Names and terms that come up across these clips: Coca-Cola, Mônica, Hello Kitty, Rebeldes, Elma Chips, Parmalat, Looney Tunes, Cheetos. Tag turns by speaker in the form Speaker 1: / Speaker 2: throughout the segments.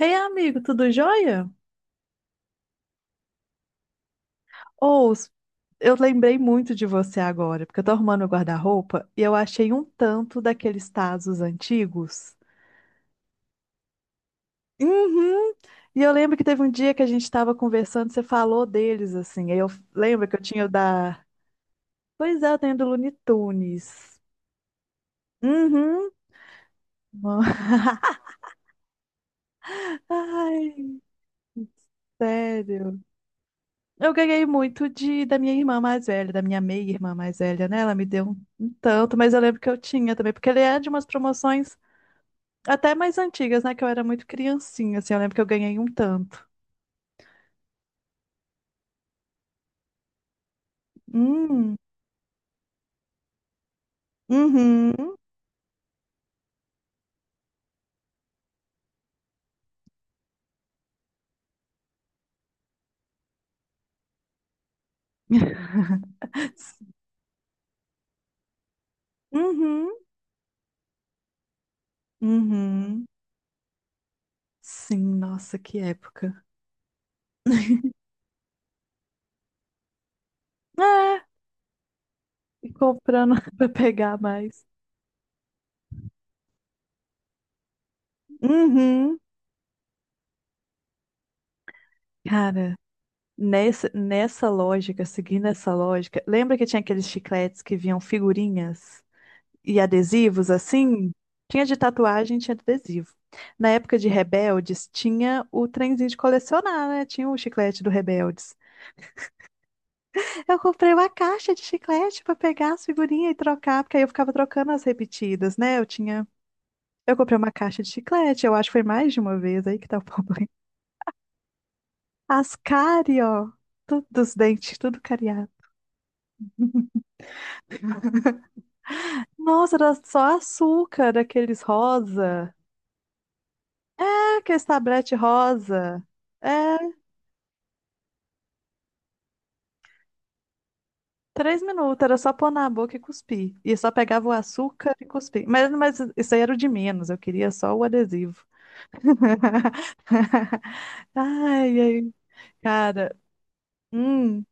Speaker 1: Ei, amigo, tudo jóia? Ou, eu lembrei muito de você agora, porque eu tô arrumando meu guarda-roupa e eu achei um tanto daqueles tazos antigos. Uhum. E eu lembro que teve um dia que a gente tava conversando, você falou deles, assim. Aí eu lembro que eu tinha o da. Pois é, eu tenho do Looney Tunes. Uhum. Ai, sério. Eu ganhei muito de da minha irmã mais velha, da minha meia-irmã mais velha, né? Ela me deu um tanto, mas eu lembro que eu tinha também, porque ele é de umas promoções até mais antigas, né? Que eu era muito criancinha, assim, eu lembro que eu ganhei um tanto. Hum, uhum. Uhum, uhum. Sim, nossa, que época. É, e comprando pra pegar mais. Uhum. Cara, nessa lógica, seguindo essa lógica, lembra que tinha aqueles chicletes que vinham figurinhas e adesivos assim? Tinha de tatuagem, tinha de adesivo. Na época de Rebeldes, tinha o trenzinho de colecionar, né? Tinha o chiclete do Rebeldes. Eu comprei uma caixa de chiclete para pegar as figurinhas e trocar, porque aí eu ficava trocando as repetidas, né? Eu tinha. Eu comprei uma caixa de chiclete, eu acho que foi mais de uma vez aí que tá o problema. As cárie, ó, tudo os dentes, tudo cariado. Nossa, era só açúcar, aqueles rosa. Ah, aquele tablete rosa. É, três minutos, era só pôr na boca e cuspir. E só pegava o açúcar e cuspir. Mas isso aí era o de menos, eu queria só o adesivo. Ai, ai, cara. Hum.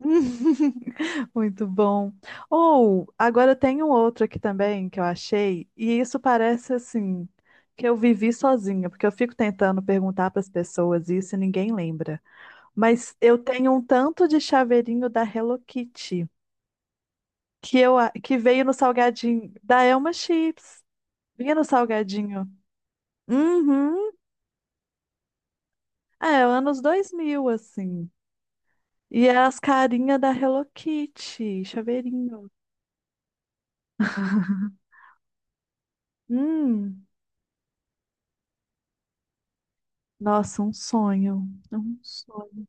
Speaker 1: Muito bom. Ou, agora tem um outro aqui também que eu achei, e isso parece assim, que eu vivi sozinha, porque eu fico tentando perguntar para as pessoas isso e ninguém lembra. Mas eu tenho um tanto de chaveirinho da Hello Kitty que veio no salgadinho da Elma Chips. Vinha no salgadinho. Uhum. É, anos 2000 assim. E é as carinhas da Hello Kitty, chaveirinho. Hum, nossa, um sonho, um sonho.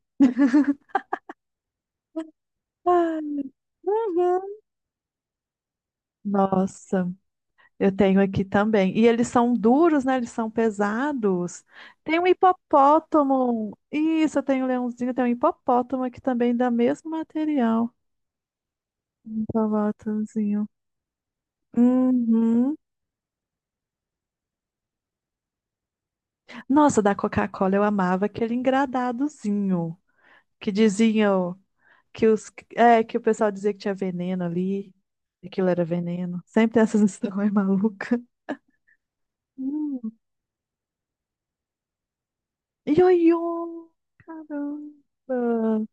Speaker 1: Ai, uhum. Nossa. Eu tenho aqui também. E eles são duros, né? Eles são pesados. Tem um hipopótamo. Isso, eu tenho um leãozinho, tem um hipopótamo aqui também, da mesmo material. Um hipopótamozinho. Uhum. Nossa, da Coca-Cola eu amava aquele engradadozinho que diziam que que o pessoal dizia que tinha veneno ali. Aquilo era veneno. Sempre tem essas histórias malucas. Hum. Ioiô! Caramba!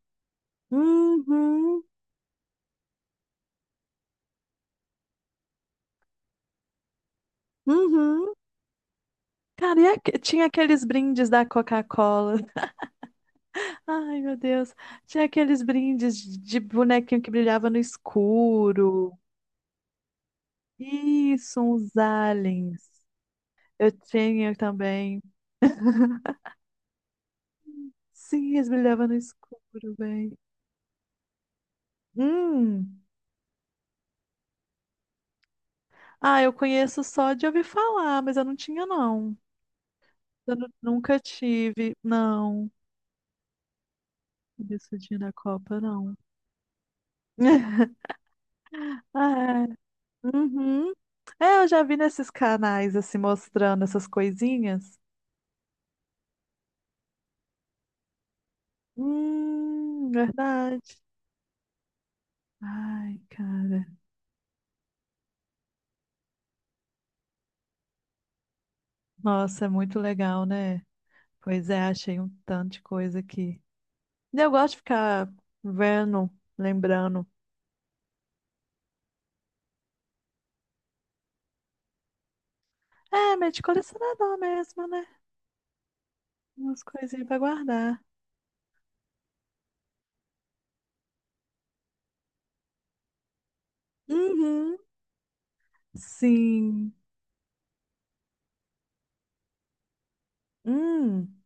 Speaker 1: Uhum. Uhum. Cara, tinha aqueles brindes da Coca-Cola. Ai, meu Deus. Tinha aqueles brindes de bonequinho que brilhava no escuro. Isso, uns aliens. Eu tinha também. Sim, eles brilhavam no escuro, bem. Hum. Ah, eu conheço só de ouvir falar, mas eu não tinha, não. Nunca tive, não. Isso dia da Copa, não. Ah, uhum. É, eu já vi nesses canais assim mostrando essas coisinhas. Verdade. Ai, cara. Nossa, é muito legal, né? Pois é, achei um tanto de coisa aqui. E eu gosto de ficar vendo, lembrando. É, meio de colecionador mesmo, né? Umas coisinhas pra guardar. Uhum. Sim. Hum.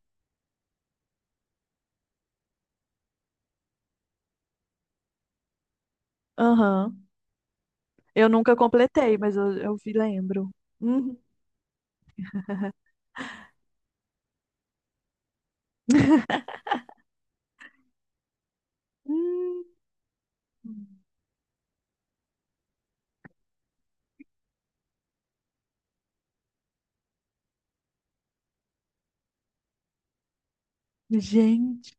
Speaker 1: Aham. Eu nunca completei, mas eu vi, lembro. Uhum. Hum. Gente,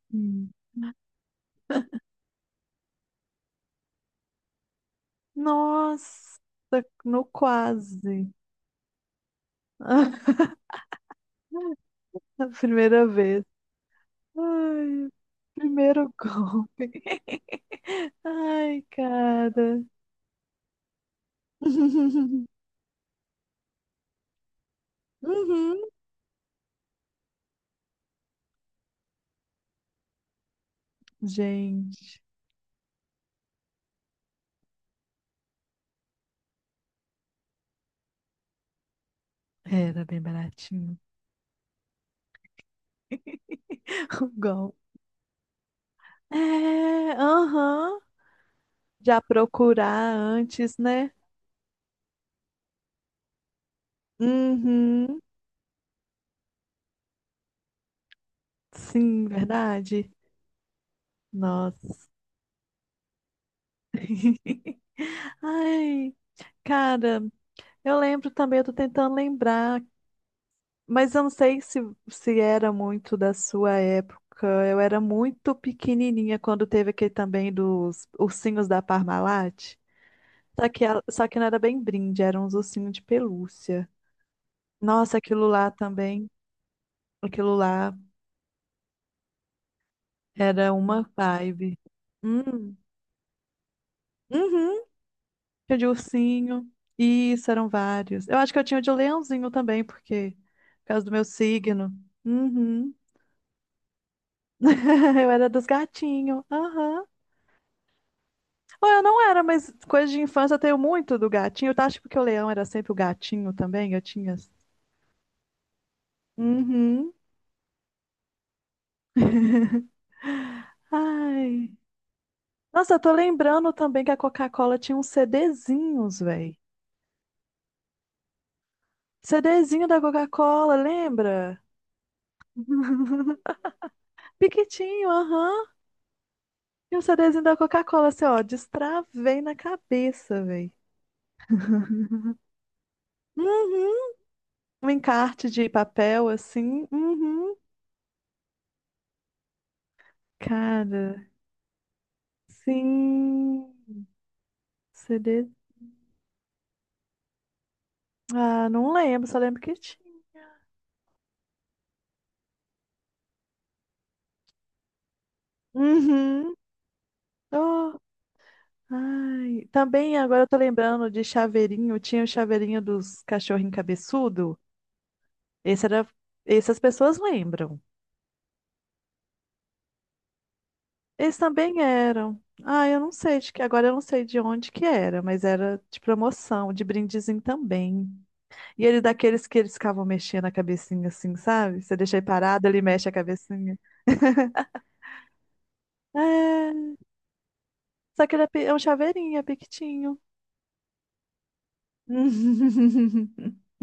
Speaker 1: nossa, no quase. A primeira vez. Ai, primeiro gol. Ai, cara. Uhum. Gente, era bem baratinho. O gol. É, aham. Já procurar antes, né? Uhum. Sim, verdade. Nossa. Ai, cara, eu lembro também, eu tô tentando lembrar. Mas eu não sei se, se era muito da sua época. Eu era muito pequenininha quando teve aquele também dos ursinhos da Parmalat. Só que, só que não era bem brinde, eram uns ursinhos de pelúcia. Nossa, aquilo lá também, aquilo lá era uma vibe. Hum, uhum, tinha de ursinho. Isso, eram vários. Eu acho que eu tinha o de leãozinho também, porque por causa do meu signo. Uhum. Eu era dos gatinhos. Aham. Pô, eu não era, mas coisa de infância eu tenho muito do gatinho. Tá? Acho que porque o leão era sempre o gatinho também, eu tinha. Uhum. Ai. Nossa, eu tô lembrando também que a Coca-Cola tinha uns CDzinhos, velho. CDzinho da Coca-Cola, lembra? Piquitinho, aham. E o CDzinho da Coca-Cola, assim, ó, destravei na cabeça, velho. Uhum. Um encarte de papel, assim. Uhum. Cara, sim. Ah, não lembro, só lembro que tinha. Uhum. Oh, ai. Também agora eu tô lembrando de chaveirinho, tinha o chaveirinho dos cachorrinhos cabeçudo. Esse era, essas pessoas lembram. Eles também eram. Ah, eu não sei de que agora, eu não sei de onde que era, mas era de promoção, de brindezinho também. E ele daqueles que eles ficavam mexendo a cabecinha assim, sabe? Você deixa ele parado, ele mexe a cabecinha. É, só que é um chaveirinho, é piquitinho.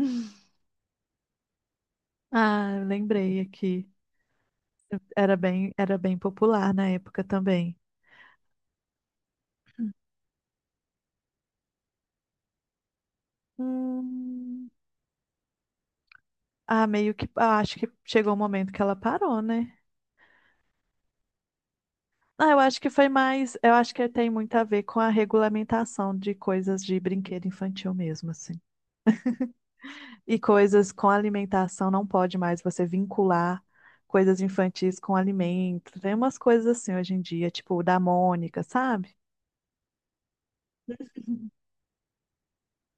Speaker 1: Ah, eu lembrei aqui. Era bem popular na época também. Hum, Ah, meio que, ah, acho que chegou o momento que ela parou, né? Ah, eu acho que foi mais, eu acho que tem muito a ver com a regulamentação de coisas de brinquedo infantil mesmo, assim. E coisas com alimentação não pode mais você vincular coisas infantis com alimento. Tem umas coisas assim hoje em dia, tipo o da Mônica, sabe?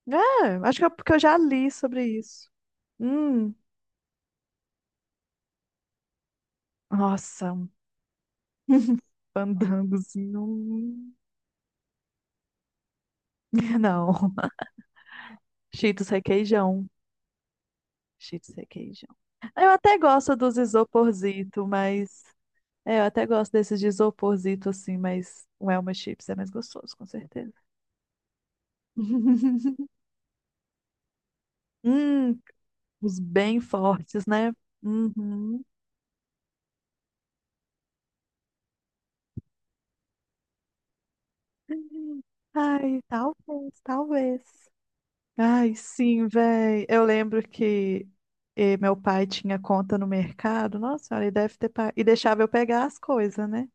Speaker 1: É, acho que é porque eu já li sobre isso. Hum, nossa, um fandangozinho. Hum. Não, Cheetos requeijão. Cheetos requeijão. Eu até gosto dos isoporzito, mas... É, eu até gosto desses de isoporzito, assim, mas o Elma Chips é mais gostoso, com certeza. Hum, os bem fortes, né? Uhum. Ai, talvez, talvez. Ai, sim, véi. Eu lembro que meu pai tinha conta no mercado. Nossa senhora, ele deve ter. E deixava eu pegar as coisas, né?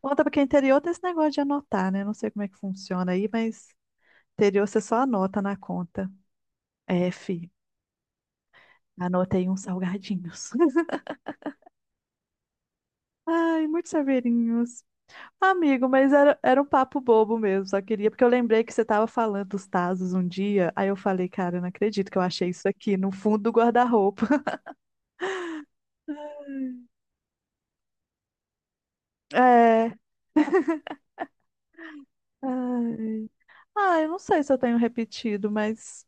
Speaker 1: Conta porque interior tem esse negócio de anotar, né? Não sei como é que funciona aí, mas interior você só anota na conta. É, fi, anotei uns salgadinhos. Ai, muitos saveirinhos. Amigo, era um papo bobo mesmo, só queria, porque eu lembrei que você estava falando dos Tazos um dia, aí eu falei, cara, eu não acredito que eu achei isso aqui no fundo do guarda-roupa. É. Ai. Ah, eu não sei se eu tenho repetido, mas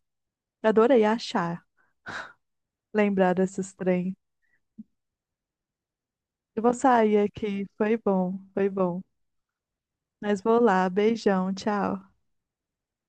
Speaker 1: adorei achar, lembrar desses trem. Eu vou sair aqui, foi bom, foi bom. Mas vou lá, beijão, tchau.